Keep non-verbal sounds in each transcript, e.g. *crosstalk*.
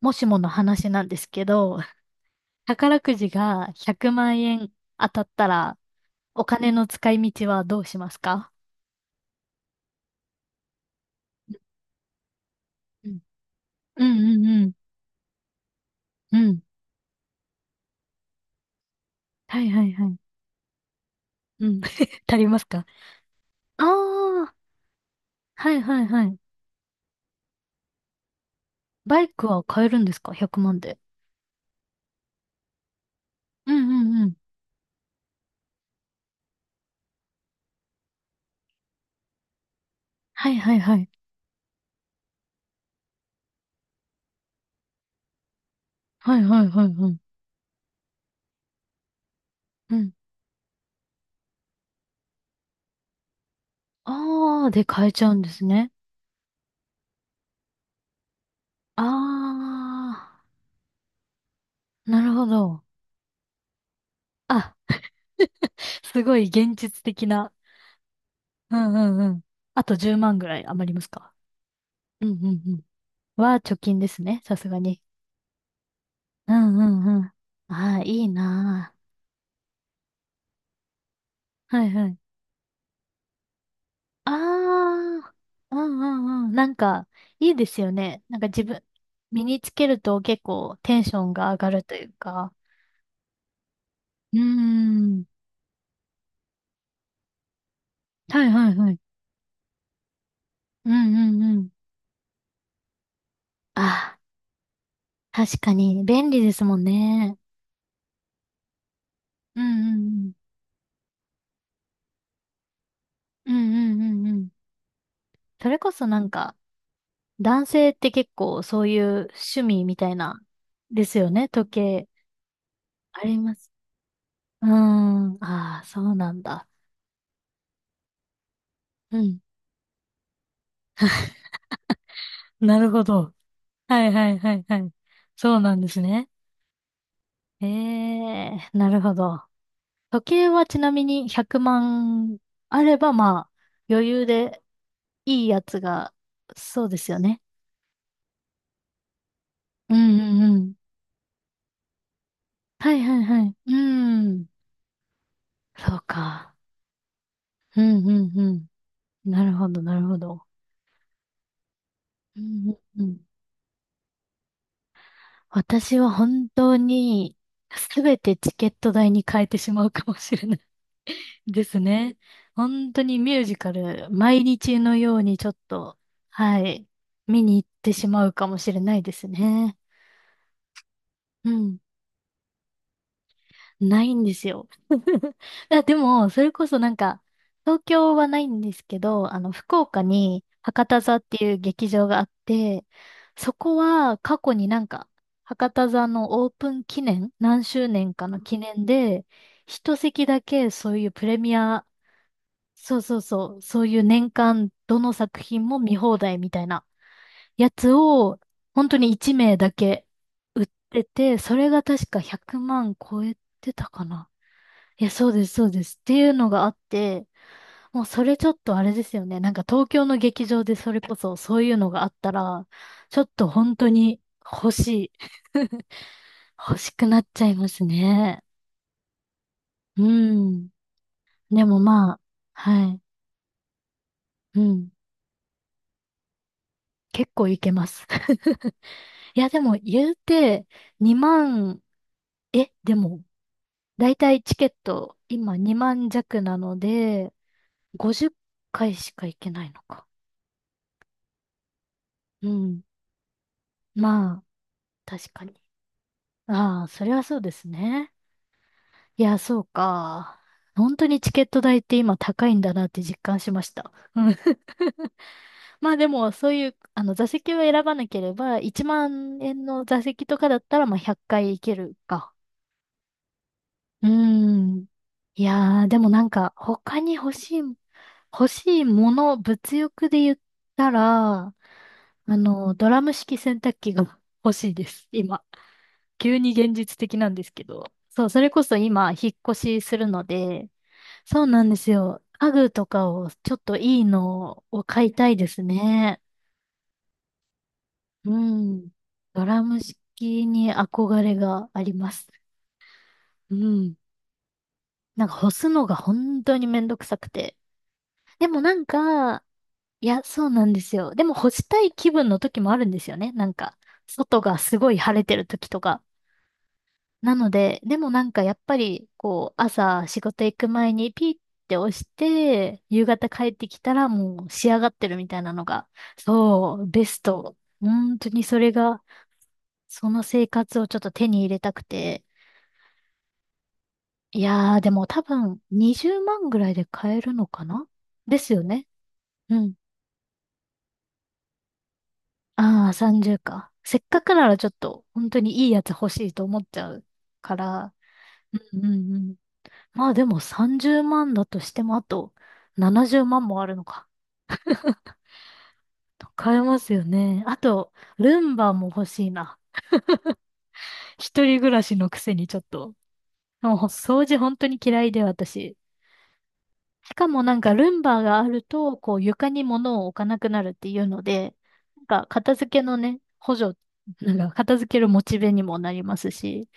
もしもの話なんですけど、宝くじが100万円当たったら、お金の使い道はどうしますか？うんうんうんうん。うん。はいはいはい。うん。*laughs* 足りますか？ああー、はいはいはい。バイクは買えるんですか？ 100 万で。うんうんうん。はいはいはい。はいはいはいはい。うん。ああ、で買えちゃうんですね。ああ、なるほど。あ、*laughs* すごい現実的な。うんうんうん。あと10万ぐらい余りますか？うんうんうん。は貯金ですね、さすがに。うんうんうん。ああ、いいなあ。はいはい。ああ、うんうんうん。なんか、いいですよね。なんか自分、身につけると結構テンションが上がるというか。うーん。はいはいはい。うんうんうん。ああ、確かに便利ですもんね。うんうんうん。うんうんうんうん。それこそなんか、男性って結構そういう趣味みたいな、ですよね、時計。あります。うーん。ああ、そうなんだ。うん。なるほど。はいはいはいはい。そうなんですね。ええ、なるほど。時計はちなみに100万あれば、まあ、余裕でいいやつが、そうですよね。うんうんうん。はいはいはい。うん。そうか。うんうんうん。なるほどなるほど。うんうんうん。私は本当にすべてチケット代に変えてしまうかもしれない。 *laughs* ですね。本当にミュージカル、毎日のようにちょっと、はい、見に行ってしまうかもしれないですね。うん。ないんですよ。*laughs* あ、でも、それこそなんか、東京はないんですけど、あの、福岡に博多座っていう劇場があって、そこは過去になんか、博多座のオープン記念、何周年かの記念で、一席だけそういうプレミア、そうそうそう、そういう年間どの作品も見放題みたいなやつを、本当に1名だけ出て、それが確か100万超えてたかな。いや、そうです、そうです。っていうのがあって、もうそれちょっとあれですよね。なんか東京の劇場でそれこそそういうのがあったら、ちょっと本当に欲しい。*laughs* 欲しくなっちゃいますね。うん。でもまあ、はい。うん。結構いけます。*laughs* いや、でも言うて、2万、え、でも、だいたいチケット、今2万弱なので、50回しか行けないのか。うん。まあ、確かに。ああ、それはそうですね。いや、そうか。本当にチケット代って今高いんだなって実感しました。うん。*laughs* まあでも、そういう、あの、座席を選ばなければ、1万円の座席とかだったら、まあ100回行けるか。うーん。いやー、でもなんか、他に欲しい、欲しいもの、物欲で言ったら、あの、ドラム式洗濯機が *laughs* 欲しいです、今。急に現実的なんですけど。そう、それこそ今、引っ越しするので、そうなんですよ。家具とかを、ちょっといいのを買いたいですね。うん。ドラム式に憧れがあります。うん。なんか干すのが本当にめんどくさくて。でもなんか、いや、そうなんですよ。でも干したい気分の時もあるんですよね。なんか、外がすごい晴れてる時とか。なので、でもなんかやっぱり、こう、朝仕事行く前にピッて押して、夕方帰ってきたらもう仕上がってるみたいなのが、そう、ベスト。本当にそれが、その生活をちょっと手に入れたくて。いやー、でも多分20万ぐらいで買えるのかな。ですよね。うん。ああ、30か。せっかくならちょっと、本当にいいやつ欲しいと思っちゃうから。うんうん。まあでも30万だとしてもあと70万もあるのか。買えますよね。あと、ルンバも欲しいな。一人暮らしのくせにちょっと。もう掃除本当に嫌いで私。しかもなんかルンバがあると、こう床に物を置かなくなるっていうので、なんか片付けのね、補助、なんか片付けるモチベにもなりますし、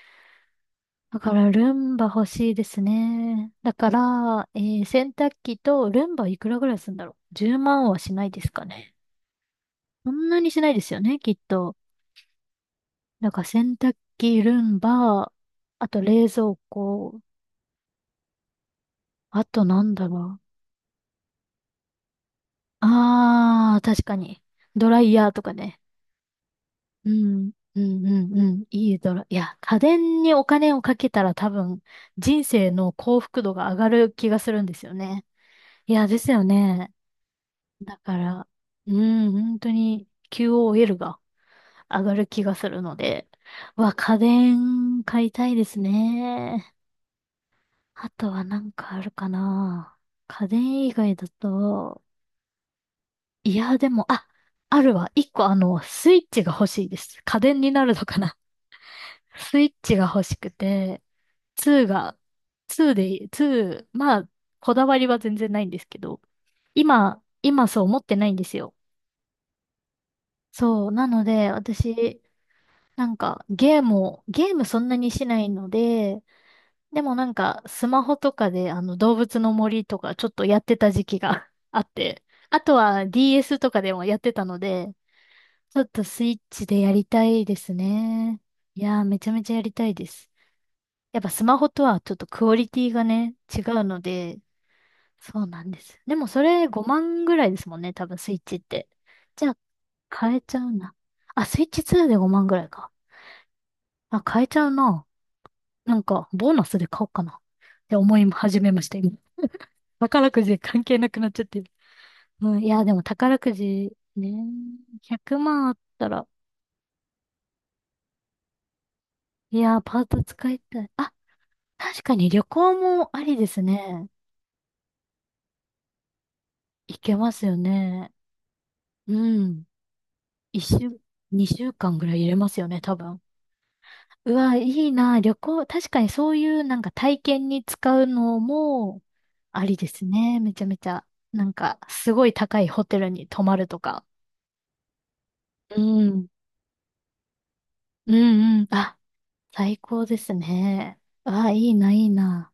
だからルンバ欲しいですね。だから、洗濯機とルンバいくらぐらいするんだろう。10万はしないですかね。そんなにしないですよね、きっと。だから洗濯機、ルンバ、あと冷蔵庫、あとなんだろう。あー、確かに。ドライヤーとかね。うん、うん、うん、うん。いいドラ、いや、家電にお金をかけたら多分人生の幸福度が上がる気がするんですよね。いや、ですよね。だから、うん、本当に QOL が上がる気がするので、うわ、家電買いたいですね。あとはなんかあるかな。家電以外だと、いや、でも、あ、あるわ。一個あの、スイッチが欲しいです。家電になるのかな。*laughs* スイッチが欲しくて、2が、2で、2、まあ、こだわりは全然ないんですけど、今そう思ってないんですよ。そう。なので、私、なんか、ゲームそんなにしないので、でもなんか、スマホとかで、あの、動物の森とか、ちょっとやってた時期が *laughs* あって、あとは DS とかでもやってたので、ちょっとスイッチでやりたいですね。いやー、めちゃめちゃやりたいです。やっぱスマホとはちょっとクオリティがね、違うので、そうなんです。でもそれ5万ぐらいですもんね、多分スイッチって。じゃあ、変えちゃうな。あ、スイッチ2で5万ぐらいか。あ、変えちゃうな。なんか、ボーナスで買おうかなって思い始めました、今。宝くじで関係なくなっちゃってる。うん、いや、でも宝くじね、100万あったら、いや、パート使いたい。あ、確かに旅行もありですね。行けますよね。うん。一週、二週間ぐらい入れますよね、多分。うわ、いいな、旅行。確かにそういうなんか体験に使うのもありですね。めちゃめちゃ。なんか、すごい高いホテルに泊まるとか。うん。うんうん。あ、最高ですね。わあ、いいな、いいな。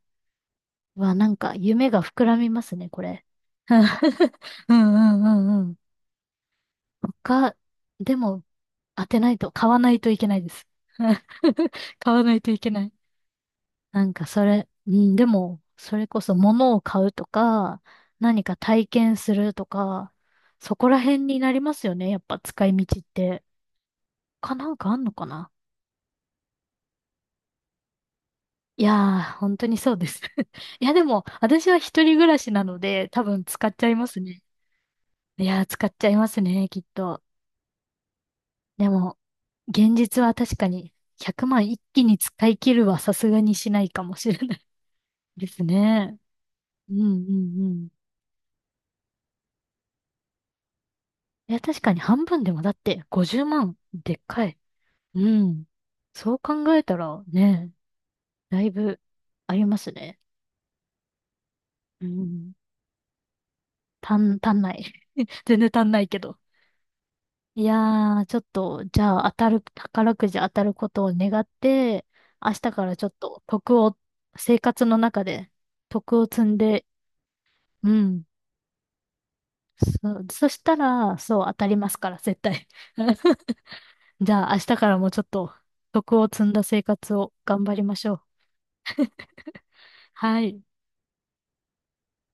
わあ、なんか夢が膨らみますね、これ。*laughs* うんうんうんうん。他、でも、当てないと、買わないといけないです。*laughs* 買わないといけない。なんかそれ、うん、でも、それこそ物を買うとか、何か体験するとか、そこら辺になりますよね。やっぱ使い道って。かなんかあんのかな。いやー、本当にそうです。*laughs* いや、でも、私は一人暮らしなので、多分使っちゃいますね。いやー、使っちゃいますね、きっと。でも、現実は確かに、100万一気に使い切るはさすがにしないかもしれない。 *laughs* ですね。うんうんうん。いや、確かに半分でもだって、50万、でっかい。うん。そう考えたら、ね、だいぶ、ありますね。うん。足んない。*laughs* 全然足んないけど。いやー、ちょっと、じゃあ当たる、宝くじ当たることを願って、明日からちょっと徳を、生活の中で徳を積んで、うん。そしたら、そう、当たりますから、絶対。*laughs* じゃあ明日からもちょっと徳を積んだ生活を頑張りましょう。はい。